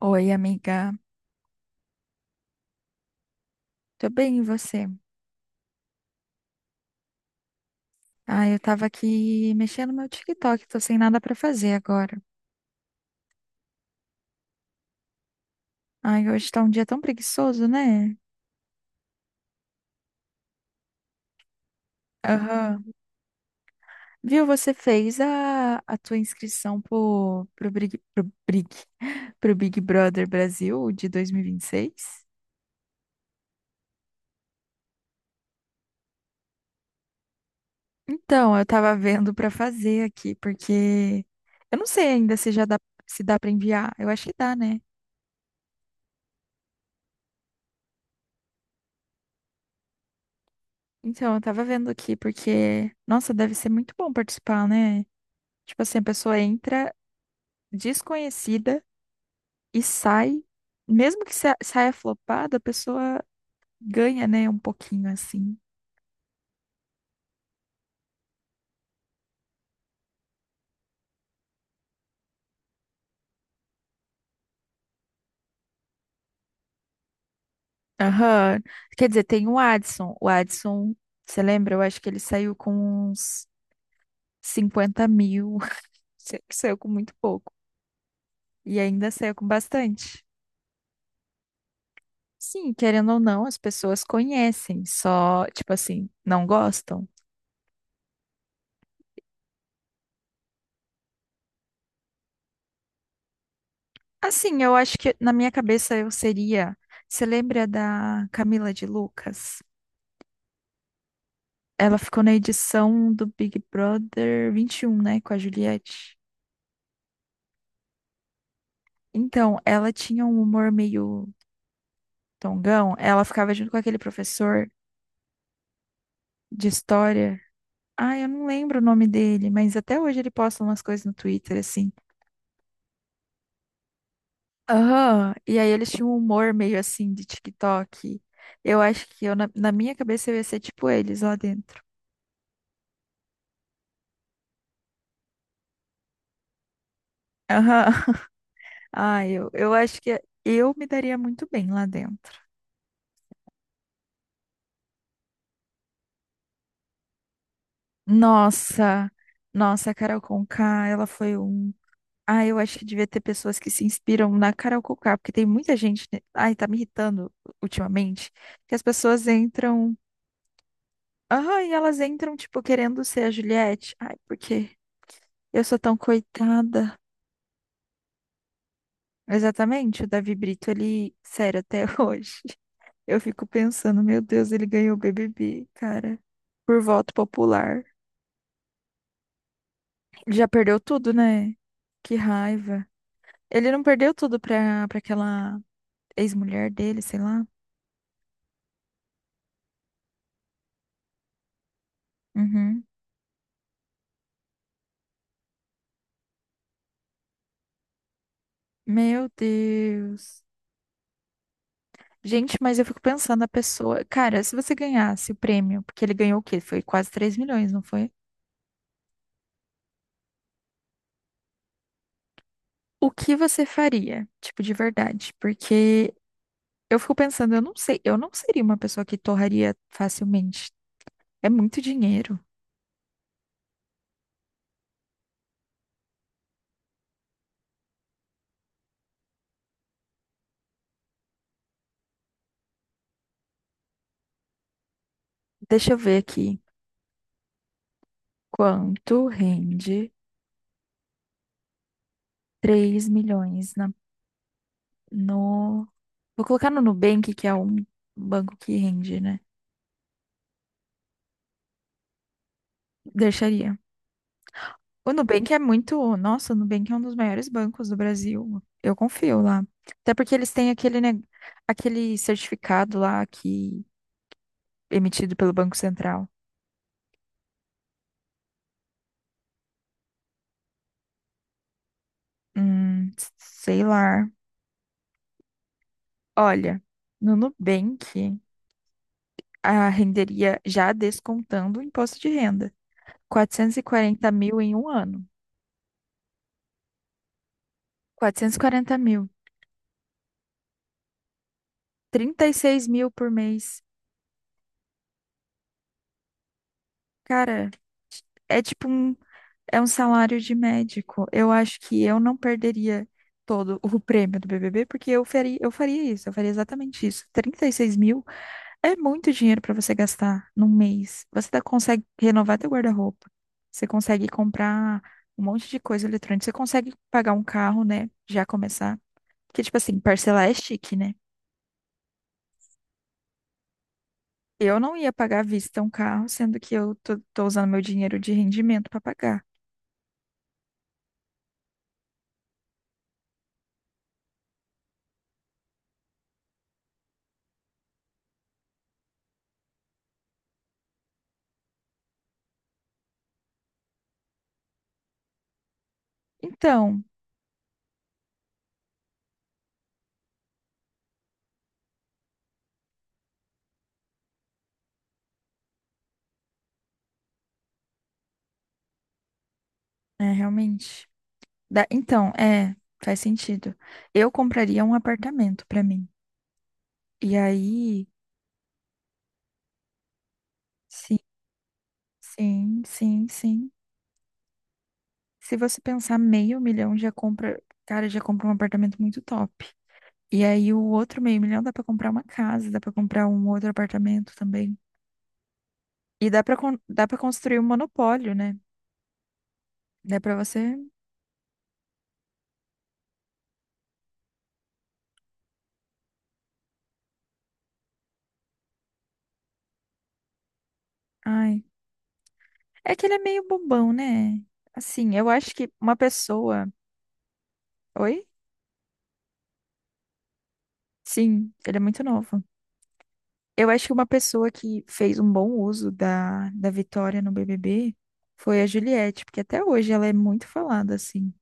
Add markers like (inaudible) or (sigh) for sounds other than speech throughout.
Oi, amiga. Tô bem, e você? Ah, eu tava aqui mexendo no meu TikTok, tô sem nada pra fazer agora. Ai, hoje tá um dia tão preguiçoso, né? Aham. Viu, você fez a tua inscrição Big, (laughs) pro Big Brother Brasil de 2026? Então, eu tava vendo pra fazer aqui, porque eu não sei ainda se já dá, se dá pra enviar. Eu acho que dá, né? Então, eu tava vendo aqui, porque, nossa, deve ser muito bom participar, né? Tipo assim, a pessoa entra desconhecida e sai, mesmo que saia flopada, a pessoa ganha, né, um pouquinho assim. Aham. Quer dizer, tem o Adson. O Adson, você lembra? Eu acho que ele saiu com uns 50 mil. (laughs) Saiu com muito pouco. E ainda saiu com bastante. Sim, querendo ou não, as pessoas conhecem, só, tipo assim, não gostam. Assim, eu acho que na minha cabeça eu seria. Você lembra da Camila de Lucas? Ela ficou na edição do Big Brother 21, né, com a Juliette. Então, ela tinha um humor meio tongão. Ela ficava junto com aquele professor de história. Ah, eu não lembro o nome dele, mas até hoje ele posta umas coisas no Twitter, assim. Aham. E aí eles tinham um humor meio assim de TikTok. Eu acho que eu, na minha cabeça, eu ia ser tipo eles lá dentro. Aham. (laughs) Ah, eu acho que eu me daria muito bem lá dentro. Nossa, nossa, a Carol Conká, ela foi um. Ah, eu acho que devia ter pessoas que se inspiram na Carol Conká, porque tem muita gente, né? Ai, tá me irritando ultimamente, que as pessoas entram. Ah, e elas entram, tipo, querendo ser a Juliette. Ai, porque eu sou tão coitada. Exatamente, o Davi Brito, ele. Sério, até (laughs) hoje. Eu fico pensando, meu Deus, ele ganhou o BBB, cara, por voto popular. Já perdeu tudo, né? Que raiva. Ele não perdeu tudo pra aquela ex-mulher dele, sei lá. Uhum. Meu Deus. Gente, mas eu fico pensando, a pessoa. Cara, se você ganhasse o prêmio, porque ele ganhou o quê? Foi quase 3 milhões, não foi? O que você faria? Tipo, de verdade. Porque eu fico pensando, eu não sei, eu não seria uma pessoa que torraria facilmente. É muito dinheiro. Deixa eu ver aqui. Quanto rende 3 milhões no. Vou colocar no Nubank, que é um banco que rende, né? Deixaria. O Nubank é muito. Nossa, o Nubank é um dos maiores bancos do Brasil. Eu confio lá. Até porque eles têm aquele certificado lá que é emitido pelo Banco Central. Hum, Sei lá. Olha, no Nubank, a renderia já descontando o imposto de renda. 440 mil em um ano. 440 mil. 36 mil por mês. Cara, é tipo um É um salário de médico. Eu acho que eu não perderia todo o prêmio do BBB, porque eu faria isso, eu faria exatamente isso. 36 mil é muito dinheiro para você gastar num mês. Você consegue renovar teu guarda-roupa, você consegue comprar um monte de coisa eletrônica, você consegue pagar um carro, né? Já começar. Porque, tipo assim, parcelar é chique, né? Eu não ia pagar à vista um carro, sendo que eu tô usando meu dinheiro de rendimento para pagar. Então, é realmente. Então, é, faz sentido. Eu compraria um apartamento pra mim. E aí, sim, sim, sim, sim. Se você pensar meio milhão, já compra, cara, já compra um apartamento muito top. E aí o outro meio milhão dá pra comprar uma casa, dá pra comprar um outro apartamento também. E dá para construir um monopólio, né? Dá pra você, ai. É que ele é meio bobão, né? Assim, eu acho que uma pessoa, oi? Sim, ele é muito novo. Eu acho que uma pessoa que fez um bom uso da vitória no BBB foi a Juliette, porque até hoje ela é muito falada, assim.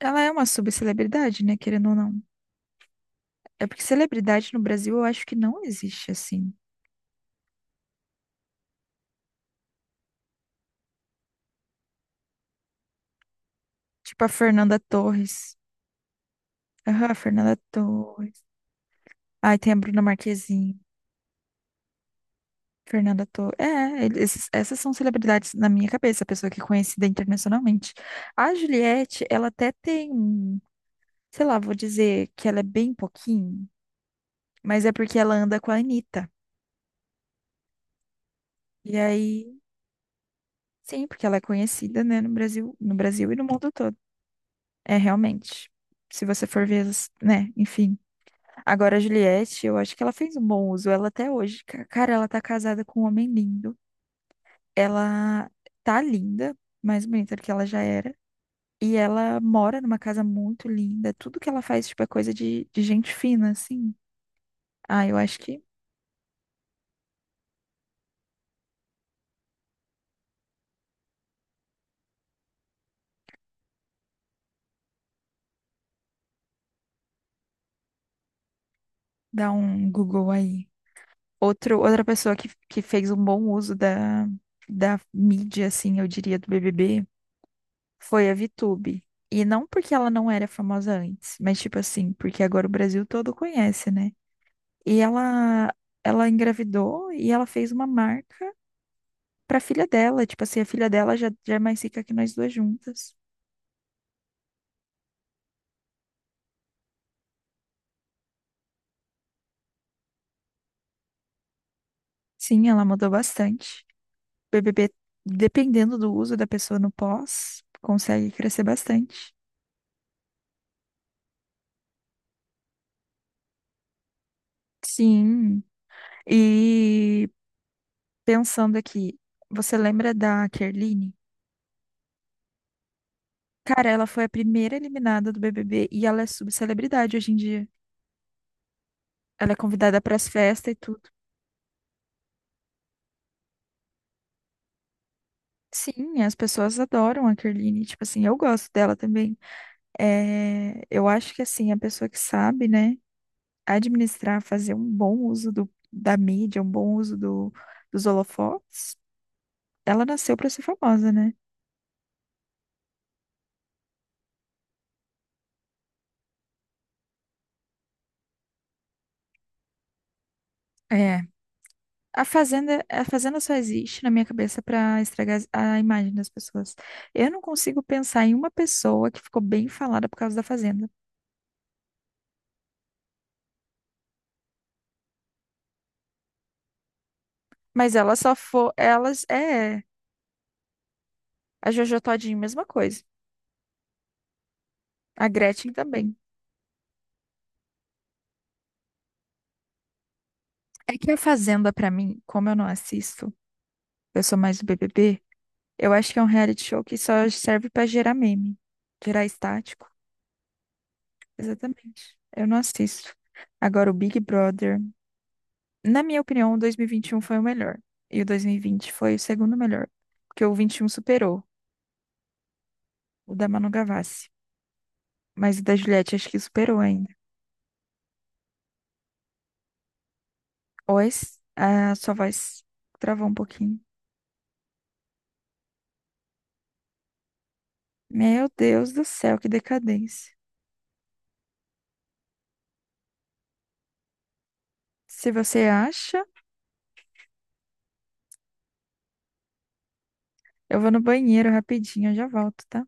Ela é uma subcelebridade, né? Querendo ou não. É porque celebridade no Brasil eu acho que não existe, assim. Tipo a Fernanda Torres. Aham, a Fernanda Torres. Ai, tem a Bruna Marquezine. Fernanda Torres. É, essas são celebridades na minha cabeça, a pessoa que é conhecida internacionalmente. A Juliette, ela até tem um sei lá, vou dizer que ela é bem pouquinho, mas é porque ela anda com a Anitta. E aí, sim, porque ela é conhecida, né, no Brasil e no mundo todo. É realmente. Se você for ver, né, enfim. Agora a Juliette, eu acho que ela fez um bom uso, ela até hoje. Cara, ela tá casada com um homem lindo. Ela tá linda, mais bonita do que ela já era. E ela mora numa casa muito linda. Tudo que ela faz, tipo, é coisa de gente fina, assim. Ah, eu acho que dá um Google aí. Outra pessoa que fez um bom uso da mídia, assim, eu diria, do BBB, foi a VTube. E não porque ela não era famosa antes, mas tipo assim, porque agora o Brasil todo conhece, né? E ela engravidou e ela fez uma marca pra filha dela. Tipo assim, a filha dela já é mais rica que nós duas juntas. Sim, ela mudou bastante. O BBB, dependendo do uso da pessoa no pós, consegue crescer bastante. Sim. E pensando aqui, você lembra da Kerline? Cara, ela foi a primeira eliminada do BBB e ela é subcelebridade hoje em dia. Ela é convidada para as festas e tudo. Sim, as pessoas adoram a Kerline. Tipo assim, eu gosto dela também. É, eu acho que assim, a pessoa que sabe, né, administrar, fazer um bom uso da mídia, um bom uso dos holofotes, ela nasceu para ser famosa, né? É, a fazenda só existe na minha cabeça para estragar a imagem das pessoas. Eu não consigo pensar em uma pessoa que ficou bem falada por causa da fazenda. Mas ela só for, elas é a Jojo Todinho, mesma coisa. A Gretchen também. É que a fazenda para mim, como eu não assisto, eu sou mais do BBB, eu acho que é um reality show que só serve para gerar meme, gerar estático. Exatamente. Eu não assisto. Agora o Big Brother. Na minha opinião, o 2021 foi o melhor. E o 2020 foi o segundo melhor. Porque o 21 superou o da Manu Gavassi. Mas o da Juliette acho que superou ainda. Ois, a sua voz travou um pouquinho. Meu Deus do céu, que decadência. Se você acha, eu vou no banheiro rapidinho, eu já volto, tá?